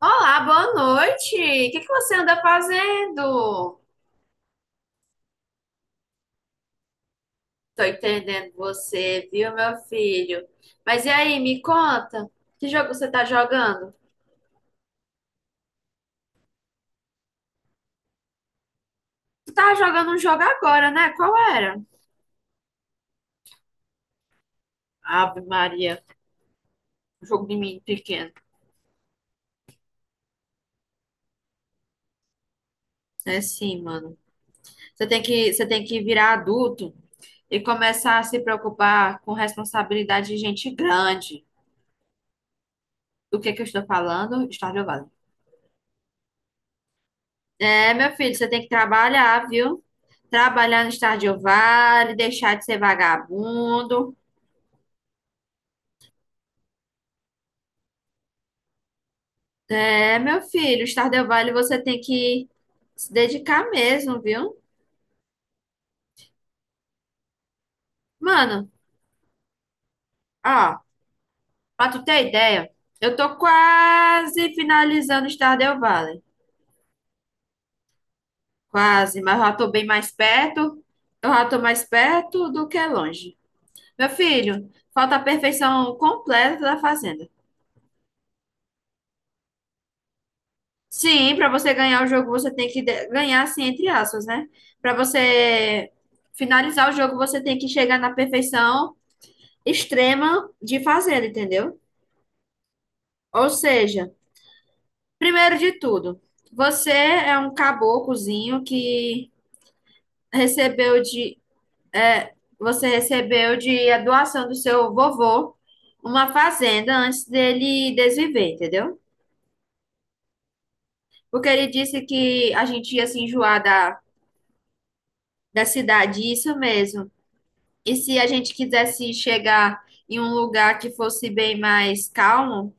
Olá, boa noite. O que que você anda fazendo? Tô entendendo você, viu, meu filho? Mas e aí, me conta, que jogo você tá jogando? Tu tava jogando um jogo agora, né? Qual era? Ave Maria, um jogo de menino pequeno. É sim, mano. Você tem que virar adulto e começar a se preocupar com responsabilidade de gente grande. Do que eu estou falando? Stardew Valley. É, meu filho, você tem que trabalhar, viu? Trabalhar no Stardew Valley, deixar de ser vagabundo. É, meu filho, Stardew Valley você tem que se dedicar mesmo, viu? Mano, ó, pra tu ter ideia, eu tô quase finalizando o Stardew Valley. Quase, mas eu já tô bem mais perto. Eu já tô mais perto do que longe. Meu filho, falta a perfeição completa da fazenda. Sim, para você ganhar o jogo, você tem que ganhar, assim, entre aspas, né? Para você finalizar o jogo, você tem que chegar na perfeição extrema de fazenda, entendeu? Ou seja, primeiro de tudo, você é um caboclozinho que recebeu de, é, você recebeu de a doação do seu vovô uma fazenda antes dele desviver, entendeu? Porque ele disse que a gente ia se enjoar da cidade, isso mesmo. E se a gente quisesse chegar em um lugar que fosse bem mais calmo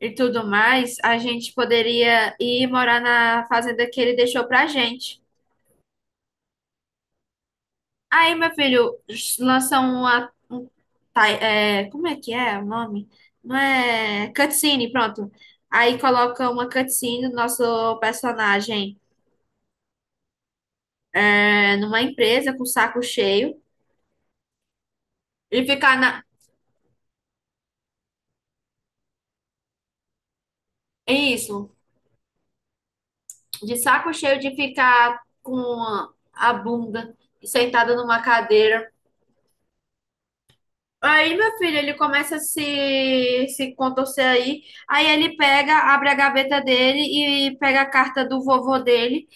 e tudo mais, a gente poderia ir morar na fazenda que ele deixou pra gente. Aí, meu filho, lança uma. Como é que é o nome? Não é. Cutscene, pronto. Aí coloca uma cutscene do nosso personagem é, numa empresa com o saco cheio e ficar na. Isso. De saco cheio de ficar com a bunda sentada numa cadeira. Aí, meu filho, ele começa a se contorcer aí. Aí ele pega, abre a gaveta dele e pega a carta do vovô dele,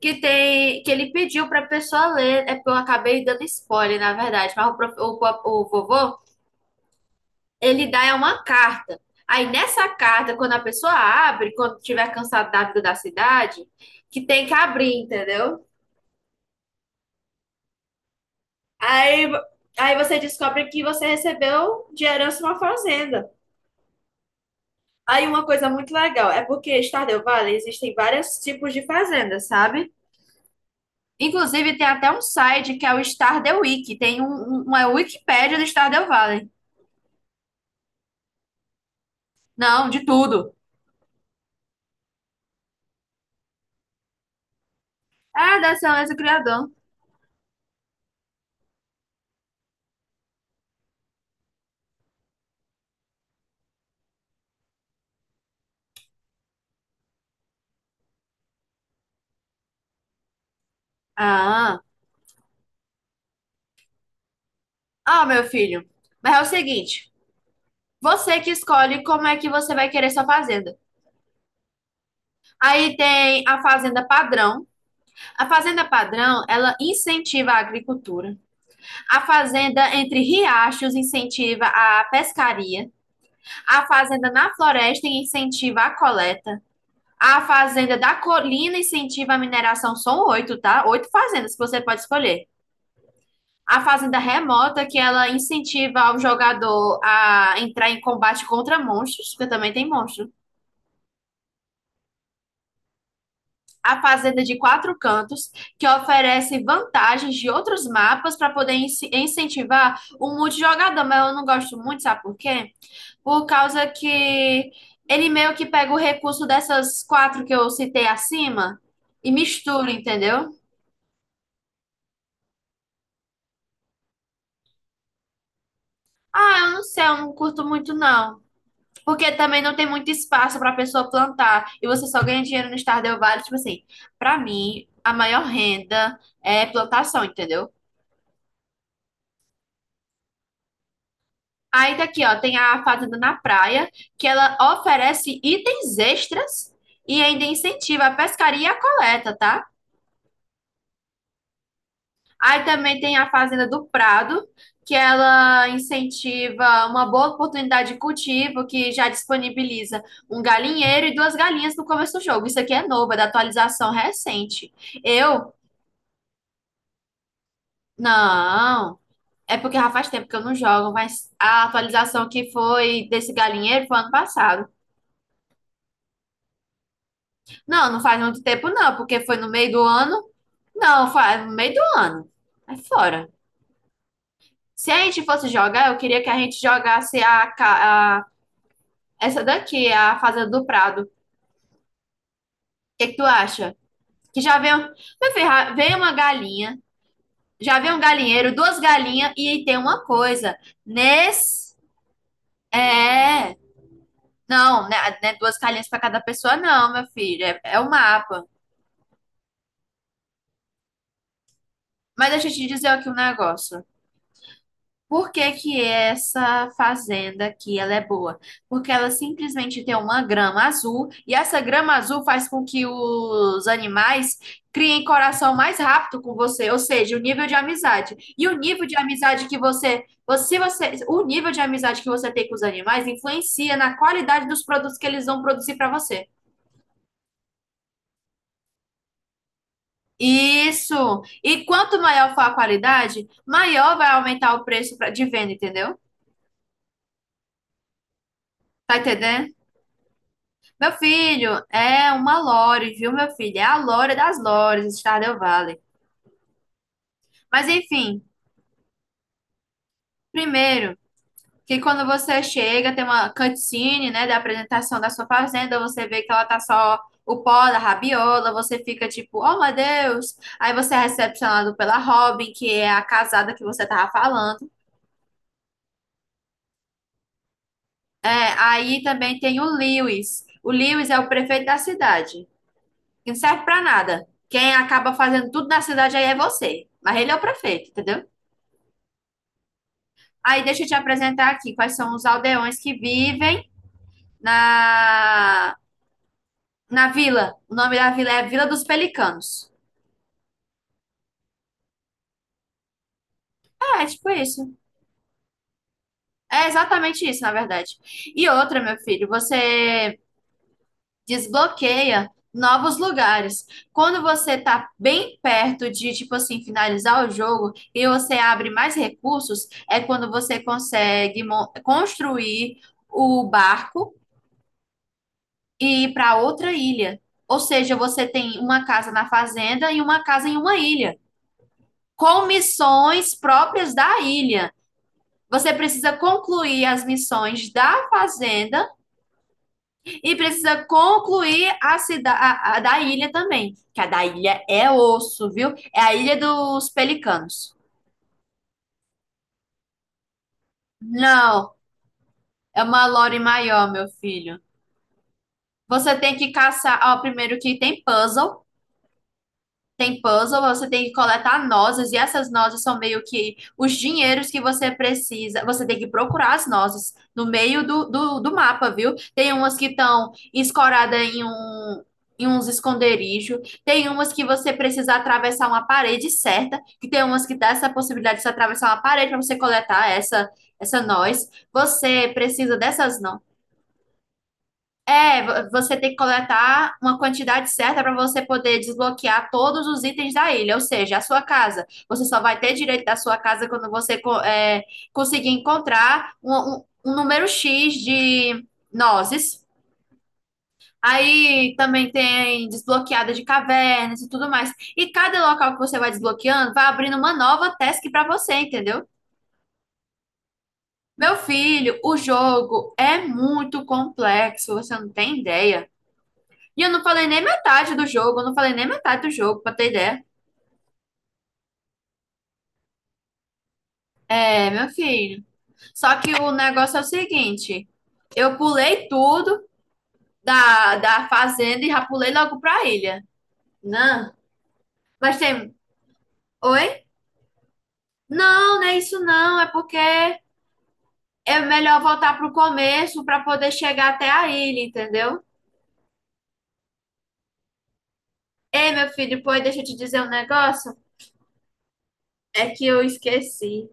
que tem que ele pediu pra pessoa ler. É porque eu acabei dando spoiler, na verdade. Mas o, prof- o vovô, ele dá uma carta. Aí nessa carta, quando a pessoa abre, quando tiver cansado da vida da cidade, que tem que abrir, entendeu? Aí, aí, você descobre que você recebeu de herança uma fazenda. Aí uma coisa muito legal é porque Stardew Valley existem vários tipos de fazendas, sabe? Inclusive tem até um site que é o Stardew Wiki, tem um, uma Wikipédia do Stardew Valley. Não, de tudo. Ah, da excelência do criador. Ah, ah, meu filho. Mas é o seguinte, você que escolhe como é que você vai querer sua fazenda. Aí tem a fazenda padrão. A fazenda padrão, ela incentiva a agricultura. A fazenda entre riachos incentiva a pescaria. A fazenda na floresta incentiva a coleta. A fazenda da colina incentiva a mineração. São oito, tá? Oito fazendas que você pode escolher. A fazenda remota, que ela incentiva o jogador a entrar em combate contra monstros, porque também tem monstro. A fazenda de quatro cantos, que oferece vantagens de outros mapas para poder incentivar o multijogador. Mas eu não gosto muito, sabe por quê? Por causa que ele meio que pega o recurso dessas quatro que eu citei acima e mistura, entendeu? Ah, eu não sei, eu não curto muito não. Porque também não tem muito espaço para a pessoa plantar e você só ganha dinheiro no Stardew Valley, tipo assim, para mim a maior renda é plantação, entendeu? Aí daqui, ó, tem a fazenda na praia, que ela oferece itens extras e ainda incentiva a pescaria e a coleta, tá? Aí também tem a Fazenda do Prado, que ela incentiva uma boa oportunidade de cultivo, que já disponibiliza um galinheiro e duas galinhas no começo do jogo. Isso aqui é novo, é da atualização recente. Eu, não. É porque já faz tempo que eu não jogo, mas a atualização que foi desse galinheiro foi ano passado. Não, não faz muito tempo, não, porque foi no meio do ano. Não, faz no meio do ano. É fora. Se a gente fosse jogar, eu queria que a gente jogasse a. Essa daqui é a Fazenda do Prado. O que que tu acha? Que já vem, meu filho, já vem uma galinha, já vem um galinheiro, duas galinhas e tem uma coisa. Nesse, é, não, né, duas galinhas para cada pessoa, não, meu filho, é, é o mapa. Mas deixa eu te dizer aqui um negócio. Por que que essa fazenda aqui ela é boa? Porque ela simplesmente tem uma grama azul e essa grama azul faz com que os animais criem coração mais rápido com você, ou seja, o nível de amizade. E o nível de amizade que você, o nível de amizade que você tem com os animais influencia na qualidade dos produtos que eles vão produzir para você. Isso. E quanto maior for a qualidade, maior vai aumentar o preço de venda, entendeu? Tá entendendo? Meu filho, é uma lore, viu, meu filho? É a lore das lores, Stardew Valley. Mas enfim, primeiro, que quando você chega, tem uma cutscene, né, da apresentação da sua fazenda, você vê que ela tá só o pó da rabiola, você fica tipo, oh meu Deus! Aí você é recepcionado pela Robin, que é a casada que você tava falando. É, aí também tem o Lewis. O Lewis é o prefeito da cidade, que não serve pra nada. Quem acaba fazendo tudo na cidade aí é você. Mas ele é o prefeito, entendeu? Aí deixa eu te apresentar aqui quais são os aldeões que vivem na, na vila. O nome da vila é a Vila dos Pelicanos. É, é tipo isso. É exatamente isso, na verdade. E outra, meu filho, você desbloqueia novos lugares. Quando você tá bem perto de, tipo assim, finalizar o jogo e você abre mais recursos, é quando você consegue construir o barco e ir para outra ilha. Ou seja, você tem uma casa na fazenda e uma casa em uma ilha, com missões próprias da ilha. Você precisa concluir as missões da fazenda e precisa concluir a da ilha também. Que a da ilha é osso, viu? É a ilha dos pelicanos. Não, é uma lore maior, meu filho. Você tem que caçar, ó, primeiro que tem puzzle. Tem puzzle, você tem que coletar nozes, e essas nozes são meio que os dinheiros que você precisa. Você tem que procurar as nozes no meio do mapa, viu? Tem umas que estão escoradas em um. Em uns esconderijos, tem umas que você precisa atravessar uma parede certa, que tem umas que dá essa possibilidade de você atravessar uma parede para você coletar essa noz. Você precisa dessas, você tem que coletar uma quantidade certa para você poder desbloquear todos os itens da ilha, ou seja, a sua casa. Você só vai ter direito da sua casa quando você conseguir encontrar um, um número X de nozes. Aí também tem desbloqueada de cavernas e tudo mais. E cada local que você vai desbloqueando vai abrindo uma nova task para você, entendeu? Meu filho, o jogo é muito complexo, você não tem ideia. E eu não falei nem metade do jogo, eu não falei nem metade do jogo, pra ter ideia. É, meu filho. Só que o negócio é o seguinte: eu pulei tudo da, da fazenda e já pulei logo pra ilha. Não. Mas tem. Oi? Não, não é isso não. É porque é melhor voltar pro começo pra poder chegar até a ilha, entendeu? Ei, meu filho, depois deixa eu te dizer um negócio. É que eu esqueci.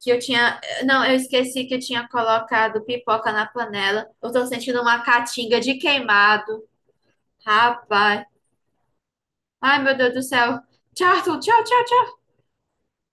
Que eu tinha. Não, eu esqueci que eu tinha colocado pipoca na panela. Eu tô sentindo uma catinga de queimado. Rapaz. Ai, meu Deus do céu. Tchau, tchau, tchau, tchau.